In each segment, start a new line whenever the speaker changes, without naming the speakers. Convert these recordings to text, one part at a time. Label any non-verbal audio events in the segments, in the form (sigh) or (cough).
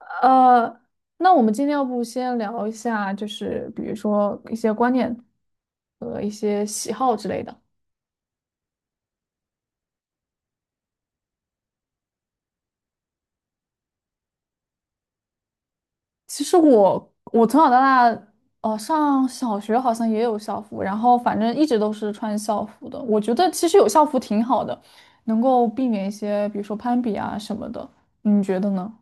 呃，那我们今天要不先聊一下，就是比如说一些观念和一些喜好之类的。其实我从小到大，上小学好像也有校服，然后反正一直都是穿校服的。我觉得其实有校服挺好的，能够避免一些比如说攀比啊什么的。你觉得呢？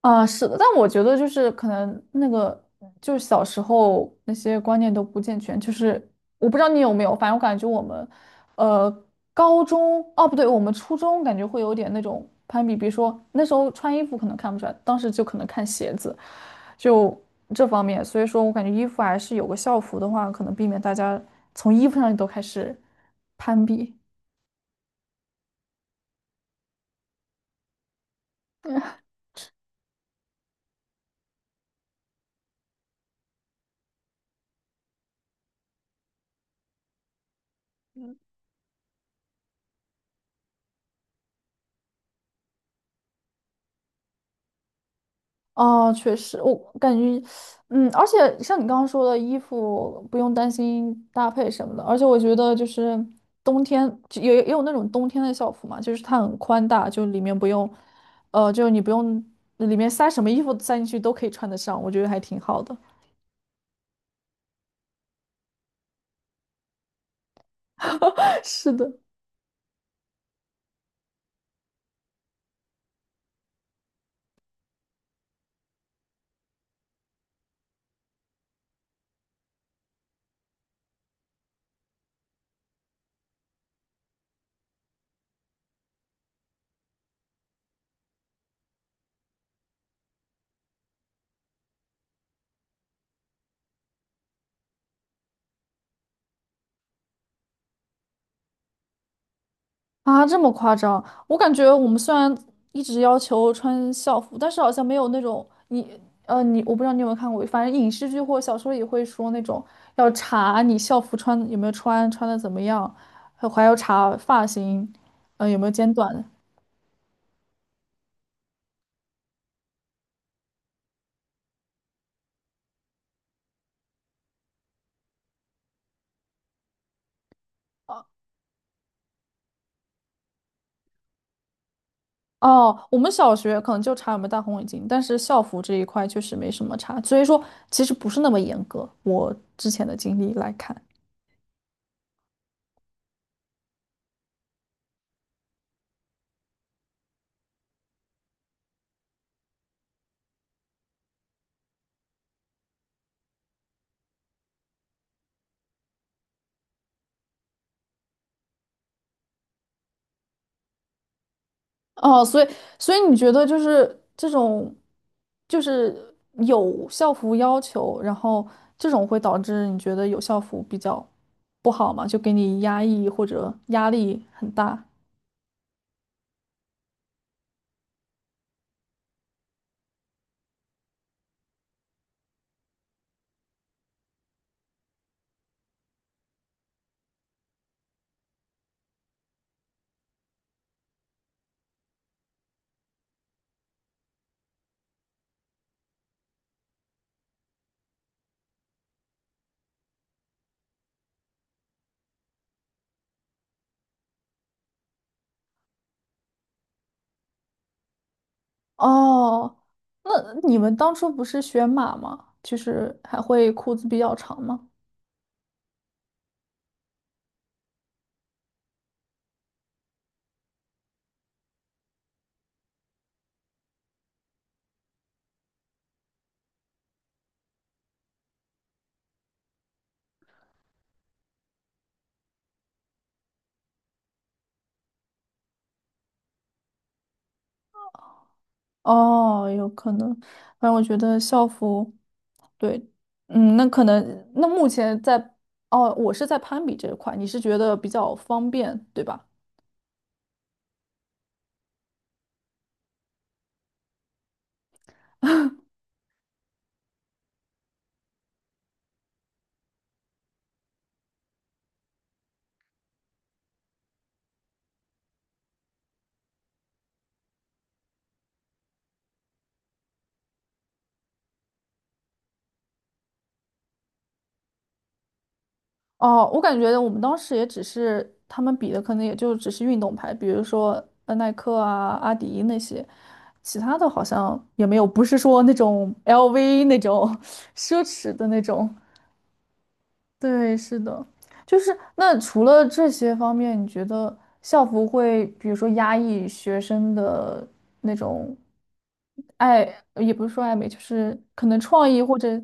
啊，是的，但我觉得就是可能那个就是小时候那些观念都不健全，就是我不知道你有没有，反正我感觉我们，呃，高中哦不对，我们初中感觉会有点那种攀比，比如说那时候穿衣服可能看不出来，当时就可能看鞋子，就这方面，所以说我感觉衣服还是有个校服的话，可能避免大家从衣服上都开始攀比。哦，确实，我感觉，嗯，而且像你刚刚说的，衣服不用担心搭配什么的，而且我觉得就是冬天就也有那种冬天的校服嘛，就是它很宽大，就里面不用，就你不用里面塞什么衣服塞进去都可以穿得上，我觉得还挺好的。(laughs) 是的。啊，这么夸张？我感觉我们虽然一直要求穿校服，但是好像没有那种你我不知道你有没有看过，反正影视剧或小说也会说那种要查你校服穿有没有穿，穿的怎么样，还要查发型，有没有剪短。哦，哦我们小学可能就查有没有戴红领巾，但是校服这一块确实没什么查，所以说其实不是那么严格。我之前的经历来看。哦，所以所以你觉得就是这种，就是有校服要求，然后这种会导致你觉得有校服比较不好吗？就给你压抑或者压力很大。哦，那你们当初不是选码吗？就是还会裤子比较长吗？哦，有可能。反正我觉得校服，对，嗯，那可能那目前在，哦，我是在攀比这一块，你是觉得比较方便，对吧？哦，我感觉我们当时也只是他们比的，可能也就只是运动牌，比如说耐克啊、阿迪那些，其他的好像也没有，不是说那种 LV 那种 (laughs) 奢侈的那种。对，是的，就是那除了这些方面，你觉得校服会比如说压抑学生的那种爱，也不是说爱美，就是可能创意或者。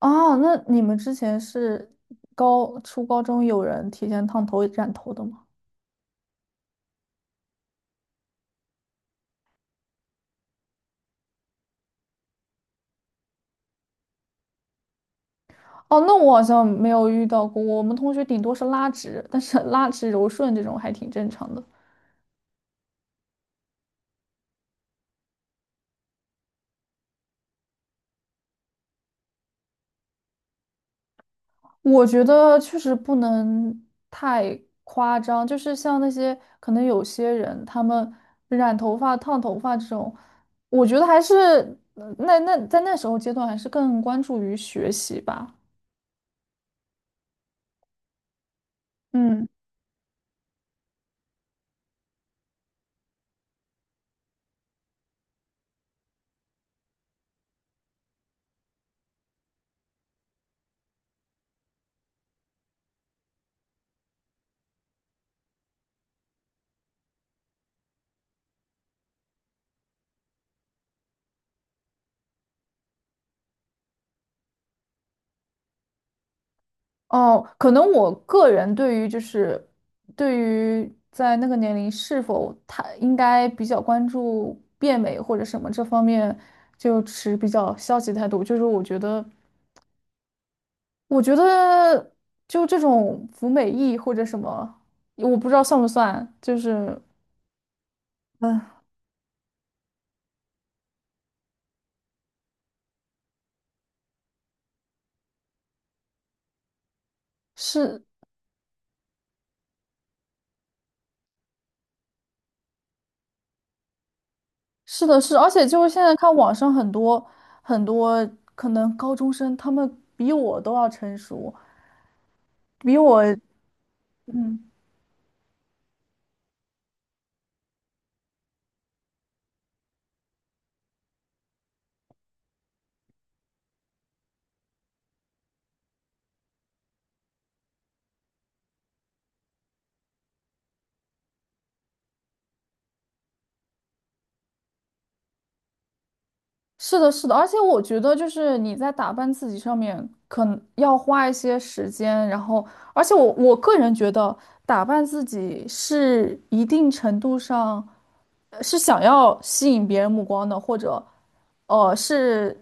哦，那你们之前是高，初高中有人提前烫头染头的吗？哦，那我好像没有遇到过，我们同学顶多是拉直，但是 (laughs) 拉直柔顺这种还挺正常的。我觉得确实不能太夸张，就是像那些可能有些人他们染头发、烫头发这种，我觉得还是呃那那在那时候阶段还是更关注于学习吧。嗯。哦，可能我个人对于就是对于在那个年龄是否他应该比较关注变美或者什么这方面，就持比较消极态度。就是我觉得，我觉得就这种服美役或者什么，我不知道算不算，就是嗯，是是的，而且就是现在看网上很多很多可能高中生，他们比我都要成熟，比我嗯。是的，是的，而且我觉得就是你在打扮自己上面，可能要花一些时间，然后，而且我个人觉得打扮自己是一定程度上是想要吸引别人目光的，或者，是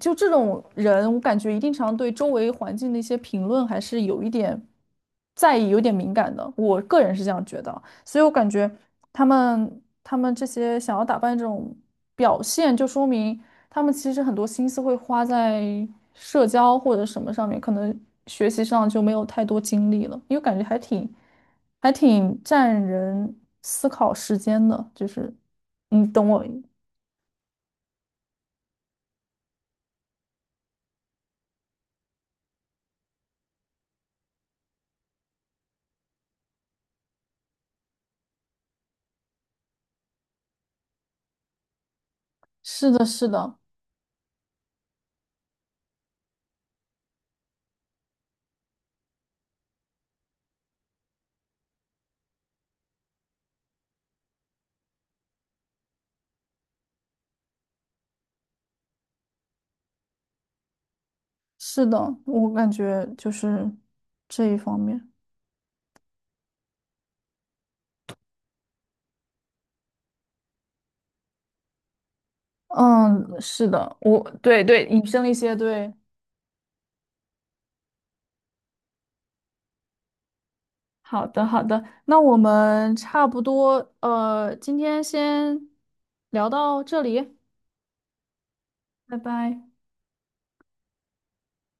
就这种人，我感觉一定常对周围环境的一些评论还是有一点在意，有点敏感的。我个人是这样觉得，所以我感觉他们这些想要打扮这种表现，就说明他们其实很多心思会花在社交或者什么上面，可能学习上就没有太多精力了，因为感觉还挺占人思考时间的，就是你懂我，是的，是的。是的，我感觉就是这一方面。嗯，是的，我对对，引申了一些对。好的，好的，那我们差不多，今天先聊到这里，拜拜。